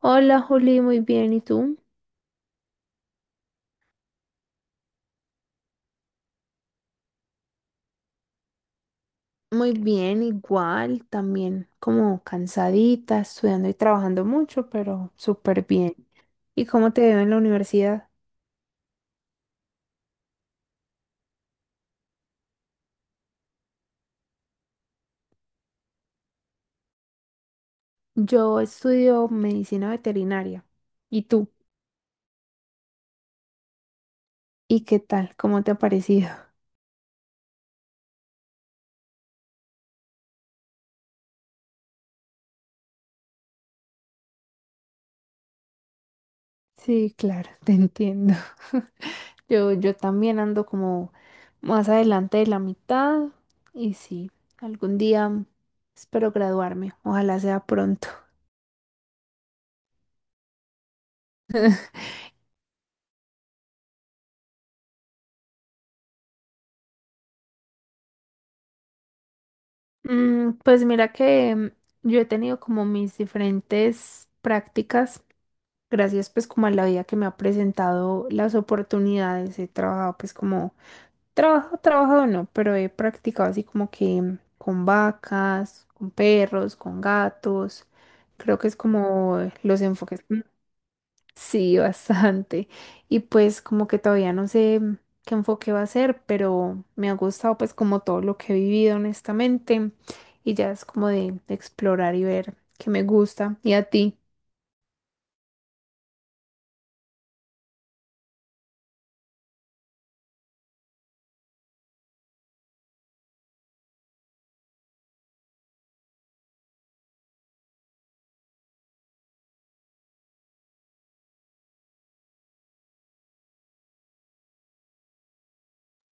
Hola Juli, muy bien. ¿Y tú? Muy bien, igual, también como cansadita, estudiando y trabajando mucho, pero súper bien. ¿Y cómo te veo en la universidad? Yo estudio medicina veterinaria. ¿Y tú? ¿Y qué tal? ¿Cómo te ha parecido? Sí, claro, te entiendo. Yo también ando como más adelante de la mitad y sí, algún día espero graduarme, ojalá sea pronto. Pues mira que yo he tenido como mis diferentes prácticas, gracias pues como a la vida que me ha presentado las oportunidades, he trabajado pues como, trabajado no, pero he practicado así como que con vacas, con perros, con gatos, creo que es como los enfoques. Sí, bastante. Y pues como que todavía no sé qué enfoque va a ser, pero me ha gustado pues como todo lo que he vivido honestamente y ya es como de explorar y ver qué me gusta. ¿Y a ti?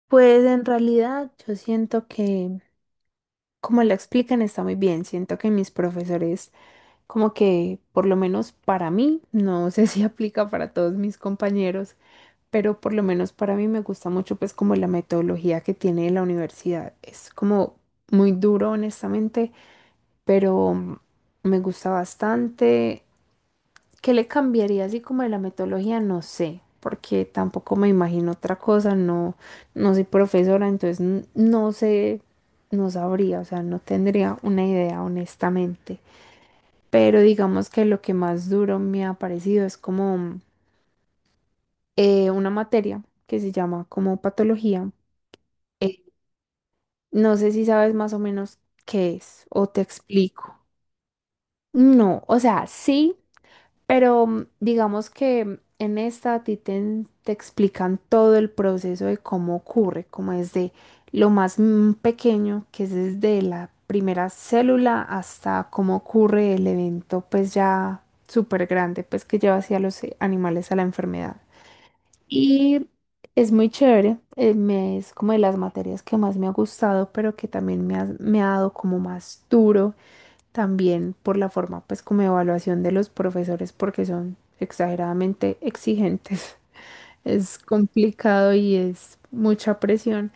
Pues en realidad yo siento que como la explican está muy bien, siento que mis profesores como que por lo menos para mí, no sé si aplica para todos mis compañeros, pero por lo menos para mí me gusta mucho pues como la metodología que tiene la universidad. Es como muy duro honestamente, pero me gusta bastante. ¿Qué le cambiaría así como de la metodología? No sé, porque tampoco me imagino otra cosa, no, no soy profesora, entonces no sé, no sabría, o sea, no tendría una idea honestamente. Pero digamos que lo que más duro me ha parecido es como una materia que se llama como patología. No sé si sabes más o menos qué es o te explico. No, o sea, sí, pero digamos que en esta a ti te, te explican todo el proceso de cómo ocurre, como desde lo más pequeño, que es desde la primera célula hasta cómo ocurre el evento, pues ya súper grande, pues que lleva hacia los animales a la enfermedad. Y es muy chévere, es como de las materias que más me ha gustado, pero que también me ha dado como más duro, también por la forma, pues como de evaluación de los profesores, porque son exageradamente exigentes. Es complicado y es mucha presión,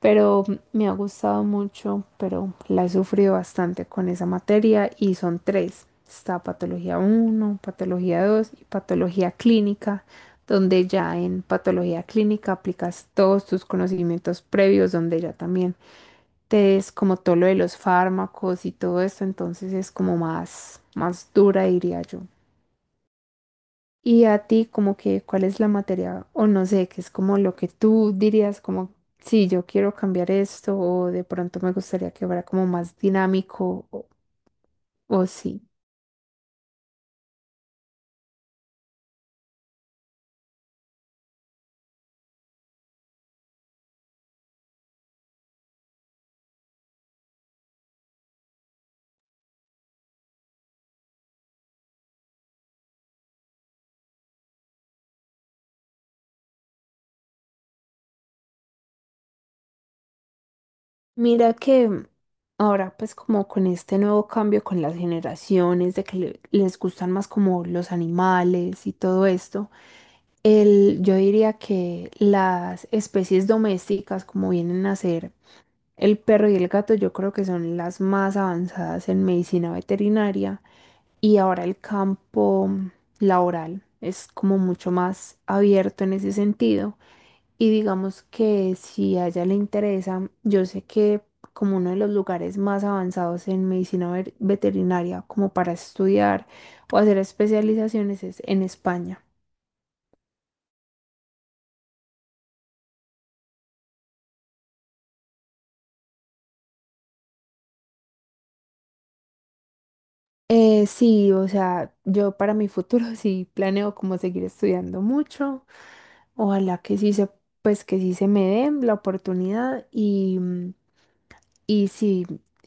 pero me ha gustado mucho, pero la he sufrido bastante con esa materia y son tres. Está patología uno, patología 2 y patología clínica, donde ya en patología clínica aplicas todos tus conocimientos previos, donde ya también te es como todo lo de los fármacos y todo esto, entonces es como más dura, diría yo. Y a ti, como que, ¿cuál es la materia? O no sé, que es como lo que tú dirías, como, sí, yo quiero cambiar esto, o de pronto me gustaría que fuera como más dinámico, o sí. Mira que ahora, pues como con este nuevo cambio con las generaciones, de que les gustan más como los animales y todo esto, el, yo diría que las especies domésticas, como vienen a ser el perro y el gato, yo creo que son las más avanzadas en medicina veterinaria y ahora el campo laboral es como mucho más abierto en ese sentido y digamos que si a ella le interesa, yo sé que como uno de los lugares más avanzados en medicina veterinaria como para estudiar o hacer especializaciones es en España. Sí, o sea, yo para mi futuro sí planeo como seguir estudiando mucho. Ojalá que sí se, pues que sí se me dé la oportunidad y sí,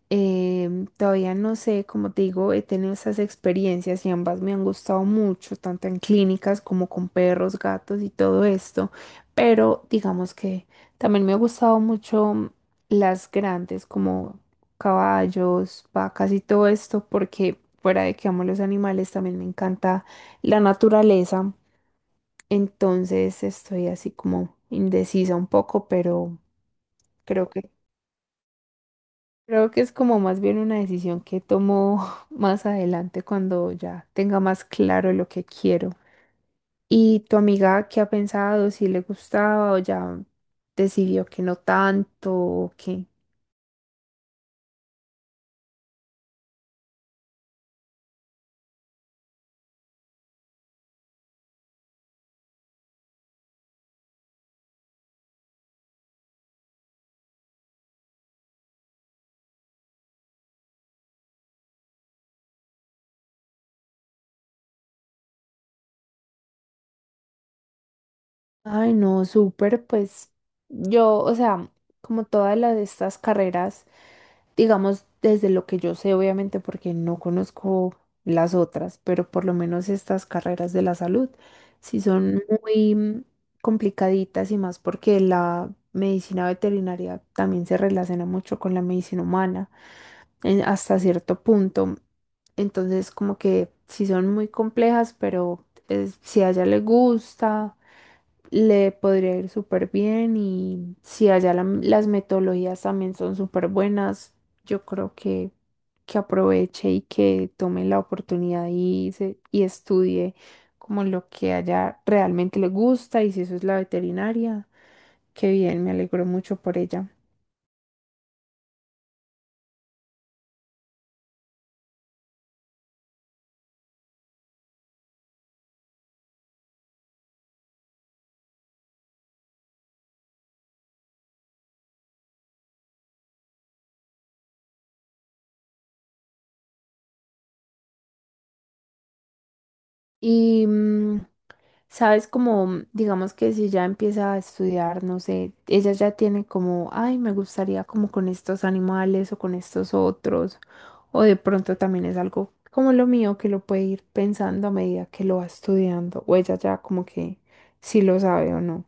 todavía no sé, como te digo, he tenido esas experiencias y ambas me han gustado mucho, tanto en clínicas como con perros, gatos y todo esto, pero digamos que también me ha gustado mucho las grandes como caballos, vacas y todo esto, porque fuera de que amo los animales, también me encanta la naturaleza, entonces estoy así como indecisa un poco, pero creo que... Creo que es como más bien una decisión que tomo más adelante cuando ya tenga más claro lo que quiero. ¿Y tu amiga qué ha pensado? ¿Si le gustaba o ya decidió que no tanto? ¿O qué? Ay, no, súper, pues yo, o sea, como todas las, estas carreras, digamos, desde lo que yo sé, obviamente, porque no conozco las otras, pero por lo menos estas carreras de la salud, sí son muy complicaditas y más porque la medicina veterinaria también se relaciona mucho con la medicina humana hasta cierto punto. Entonces, como que sí son muy complejas, pero si a ella le gusta le podría ir súper bien y si allá las metodologías también son súper buenas, yo creo que aproveche y que tome la oportunidad y, y estudie como lo que allá realmente le gusta y si eso es la veterinaria, qué bien, me alegro mucho por ella. Y sabes, como digamos que si ya empieza a estudiar, no sé, ella ya tiene como, ay, me gustaría como con estos animales o con estos otros, o de pronto también es algo como lo mío que lo puede ir pensando a medida que lo va estudiando, o ella ya como que si lo sabe o no.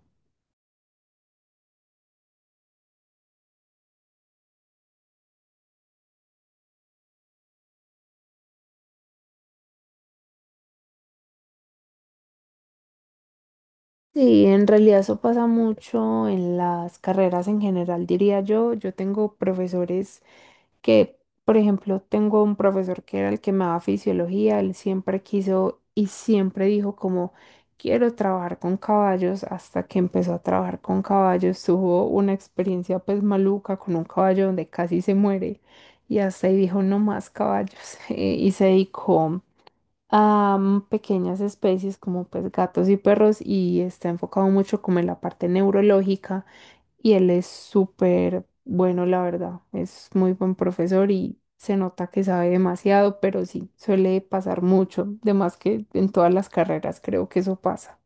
Sí, en realidad eso pasa mucho en las carreras en general, diría yo. Yo tengo profesores que, por ejemplo, tengo un profesor que era el que me daba fisiología, él siempre quiso y siempre dijo como, quiero trabajar con caballos, hasta que empezó a trabajar con caballos, tuvo una experiencia pues maluca con un caballo donde casi se muere y hasta ahí dijo, no más caballos, y se dedicó a pequeñas especies como pues gatos y perros y está enfocado mucho como en la parte neurológica y él es súper bueno, la verdad, es muy buen profesor y se nota que sabe demasiado, pero sí, suele pasar mucho, de más que en todas las carreras creo que eso pasa.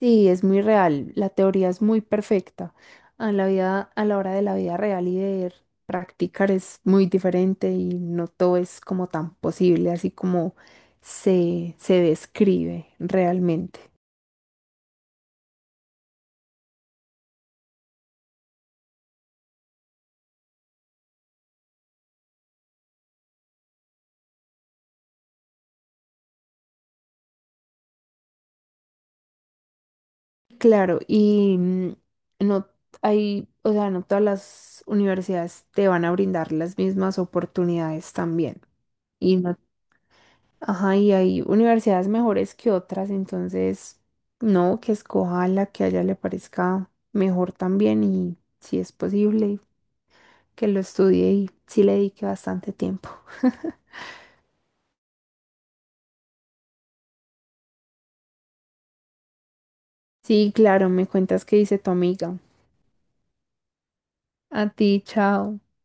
Sí, es muy real. La teoría es muy perfecta. A la vida, a la hora de la vida real y de practicar es muy diferente y no todo es como tan posible, así como se describe realmente. Claro, y no hay, o sea, no todas las universidades te van a brindar las mismas oportunidades también. Ajá, y hay universidades mejores que otras, entonces, no, que escoja la que a ella le parezca mejor también y si es posible, que lo estudie y sí le dedique bastante tiempo. Sí, claro, me cuentas qué dice tu amiga. A ti, chao.